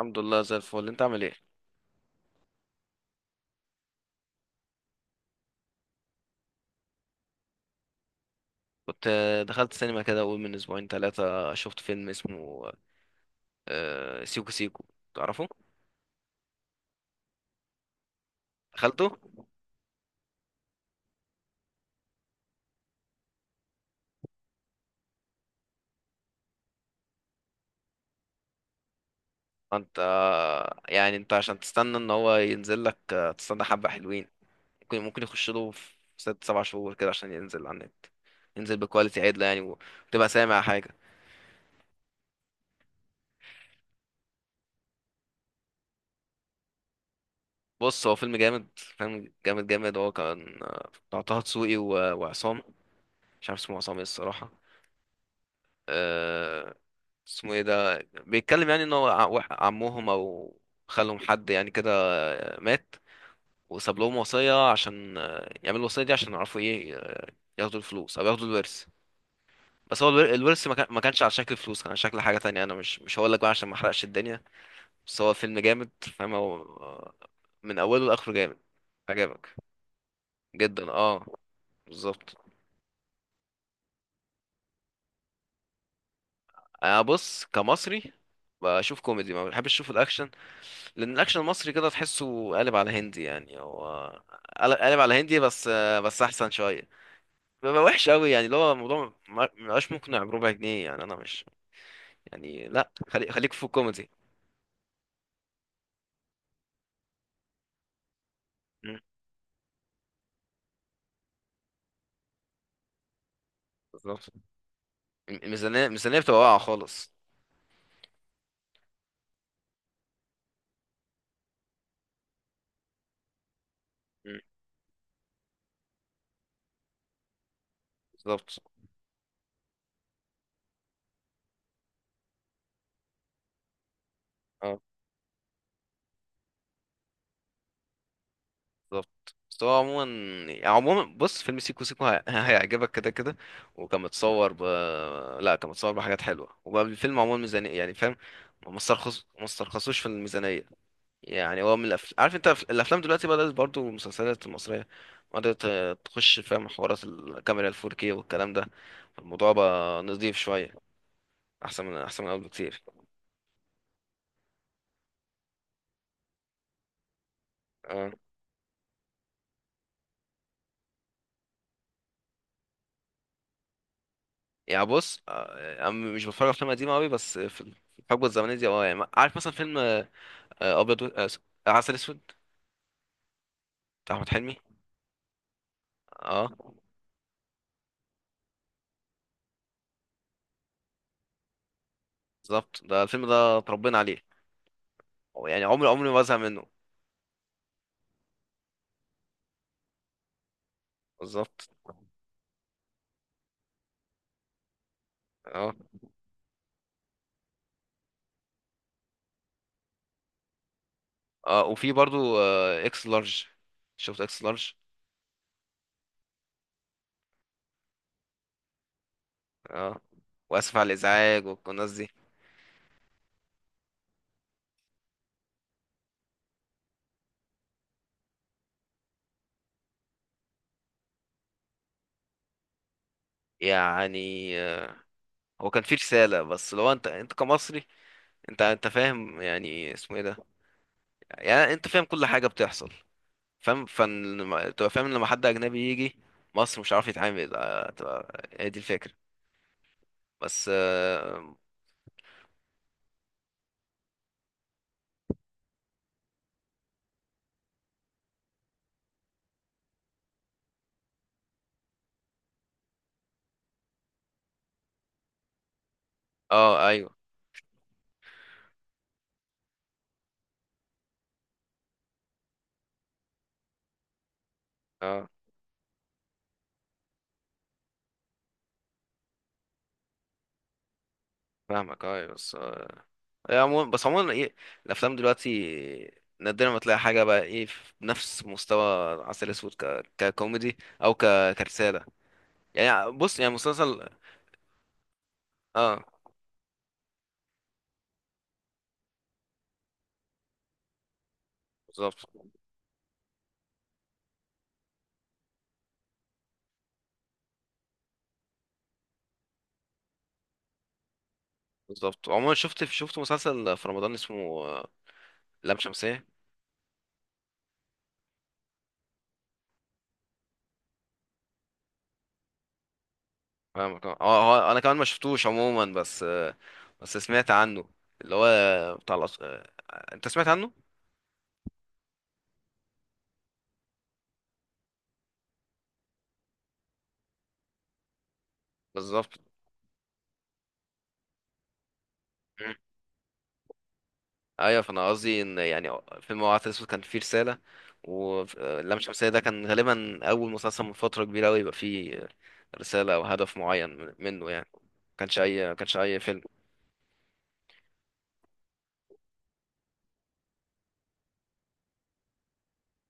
الحمد لله زي الفل، انت عامل ايه؟ كنت دخلت سينما كده، اول من اسبوعين ثلاثة شفت فيلم اسمه سيكو سيكو. تعرفه؟ دخلته. انت آه، يعني انت عشان تستنى ان هو ينزل لك، تستنى حبة حلوين. ممكن يخش له في ست سبع شهور كده عشان ينزل على النت. ينزل بكواليتي عدلة يعني وتبقى سامع حاجة. بص، هو فيلم جامد، فيلم جامد جامد. هو كان بتاع طه دسوقي و- وعصام. مش عارف اسمه عصام ايه الصراحة. آه، اسمه ايه ده؟ بيتكلم يعني ان هو عمهم او خالهم، حد يعني كده مات. وساب لهم وصية عشان يعملوا الوصية دي عشان يعرفوا ايه، ياخدوا الفلوس او ياخدوا الورث. بس هو الورث، ما كانش على شكل فلوس، كان على شكل حاجة تانية. انا مش هقول لك بقى عشان ما احرقش الدنيا. بس هو فيلم جامد فاهم. هو من اوله لاخره جامد. عجبك؟ جدا، اه. بالظبط. انا بص، كمصري بشوف كوميدي، ما بحبش اشوف الاكشن. لان الاكشن المصري كده تحسه قالب على هندي يعني. هو قالب على هندي بس. بس احسن شويه. بيبقى وحش قوي يعني، اللي هو الموضوع ما بقاش مقنع بربع جنيه، يعني انا مش. يعني لا، خليك خليك في الكوميدي. مم، بالظبط. الميزانيه بتبقى واقعه خالص. مم، بالظبط. اه بالظبط، بس هو عموما، يعني عموما، بص فيلم سيكو سيكو هيعجبك كده كده. وكان متصور ب... لا، كان متصور بحاجات حلوه وبقى الفيلم عموما ميزانيه يعني فاهم. ما استرخصوش في الميزانيه. يعني هو عارف انت، الافلام دلوقتي بدات برضو المسلسلات المصريه بدات تخش فاهم، حوارات الكاميرا ال 4K والكلام ده. الموضوع بقى نضيف شويه، احسن من قبل بكتير. اه يعني بص، انا مش بتفرج على افلام قديمه قوي، بس في الحقبه الزمنيه دي اه يعني عارف مثلا فيلم، آه، ابيض و... آه، س- عسل اسود بتاع احمد حلمي. اه بالظبط، ده الفيلم ده اتربينا عليه. هو يعني عمري عمري ما بزهق منه. بالظبط. اه، اه، وفي برضو اكس لارج. شفت اكس لارج؟ اه. واسف على الازعاج والناس دي. يعني هو كان فيه رسالة، بس لو انت كمصري، انت فاهم يعني، اسمه ايه ده؟ يعني انت فاهم كل حاجة بتحصل، فاهم فن، تبقى فاهم إن لما حد اجنبي يجي مصر مش عارف يتعامل، تبقى هي دي الفكرة، بس. اه ايوه، اه فاهمك، اه أيوة، بس يعني عموما، بس عموما ايه، الافلام دلوقتي نادرا ما تلاقي حاجه بقى ايه في نفس مستوى عسل اسود، ككوميدي، او كرساله. يعني بص يعني مسلسل. اه، بالظبط بالظبط. عموما شفت مسلسل في رمضان اسمه آه، لام شمسية. فاهمك اه، هو- هو انا كمان ما شفتوش عموما، بس سمعت عنه، اللي هو بتاع الأص... آه، انت سمعت عنه؟ بالظبط، ايوه، فانا قصدي ان يعني فيلم العسل الاسود كان فيه رساله، واللام شمسيه ده كان غالبا اول مسلسل من فتره كبيره قوي يبقى فيه رساله او هدف معين منه يعني. ما كانش اي فيلم.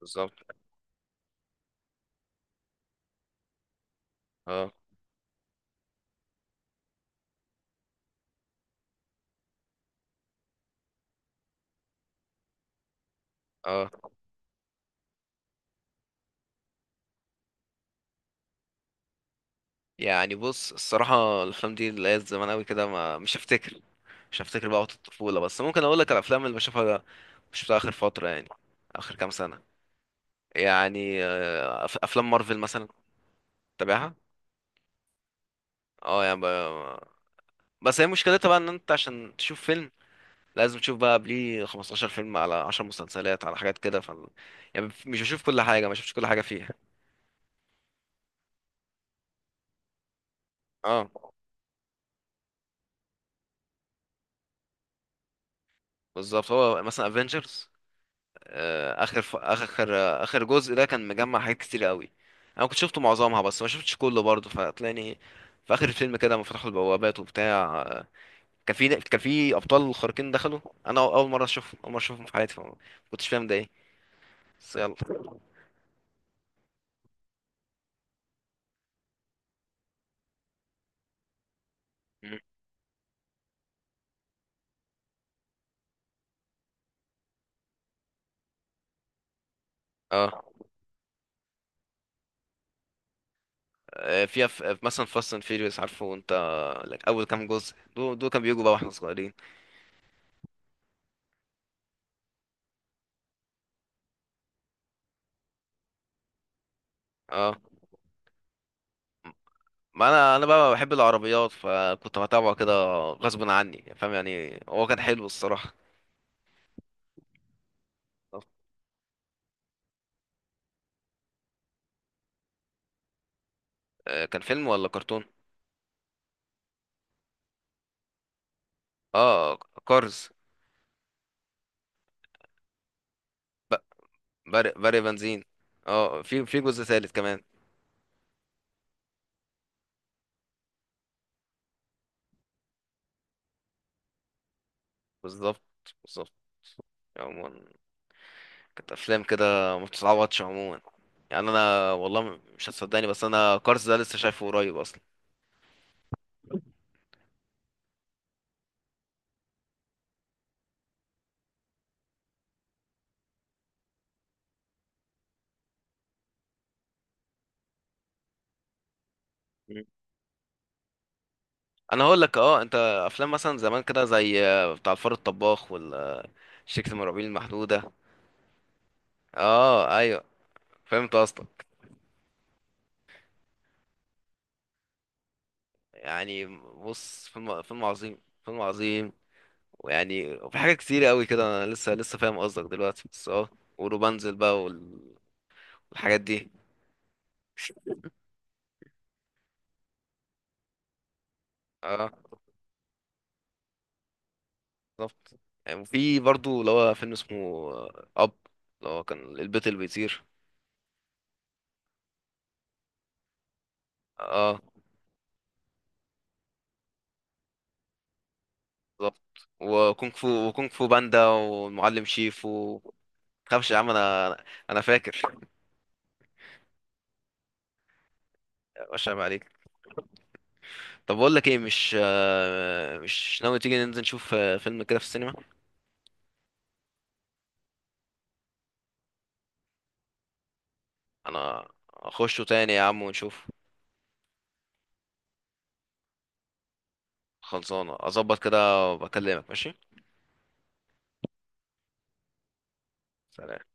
بالظبط. اه، اه، يعني بص الصراحه، الافلام دي اللي هي زمان قوي كده ما مش هفتكر مش هفتكر بقى وقت الطفوله، بس ممكن اقول لك الافلام اللي بشوفها مش بتاع اخر فتره يعني، اخر كام سنه. يعني افلام مارفل مثلا. تابعها؟ اه، يعني بس هي مشكلتها بقى، ان انت عشان تشوف فيلم لازم تشوف بقى قبليه 15 فيلم على 10 مسلسلات على حاجات كده، يعني مش بشوف كل حاجه، ما شفتش كل حاجه فيها. اه بالظبط، هو مثلا افنجرز، اخر ف... اخر اخر جزء ده كان مجمع حاجات كتير قوي. انا كنت شفته معظمها بس ما شفتش كله برضه، فتلاقيني في اخر الفيلم كده لما فتحوا البوابات وبتاع، كان في ابطال خارقين دخلوا. انا اول مره اشوفهم، اول مره اشوفهم في حياتي، فما كنتش فاهم ده ايه. بس يلا. مم. اه، في مثلا فاست اند فيريوس، عارفه انت، لك اول كام جزء، دول كانوا بيجوا بقى واحنا صغيرين. اه، ما انا بقى بحب العربيات فكنت بتابعه كده غصب عني، فاهم يعني، هو كان حلو الصراحه. كان فيلم ولا كرتون؟ اه كارز. ب- برق بنزين. اه، في جزء ثالث كمان. بالظبط، بالظبط. عموما كانت افلام كده ما بتتعوضش عموما. يعني انا والله مش هتصدقني، بس انا كارز ده لسه شايفه قريب اصلا. انا هقول لك اه، انت افلام مثلا زمان كده زي بتاع الفار الطباخ والشركة المرعبين المحدودة. اه ايوه، فهمت قصدك. يعني بص فيلم عظيم، فيلم عظيم، ويعني وفي حاجات كتير قوي كده، انا لسه لسه فاهم قصدك دلوقتي بس اه، وروبانزل بقى والحاجات دي. اه بالظبط. يعني وفي برضو اللي هو فيلم اسمه آه، اب، اللي هو كان البيت اللي بيطير. اه بالظبط. وكونغ فو باندا والمعلم شيفو. تخافش يا عم، انا فاكر. مش عيب عليك. طب بقول لك ايه، مش ناوي تيجي ننزل نشوف فيلم كده في السينما؟ انا اخشه تاني يا عم ونشوف. خلصانه، اظبط كده وبكلمك. ماشي. سلام.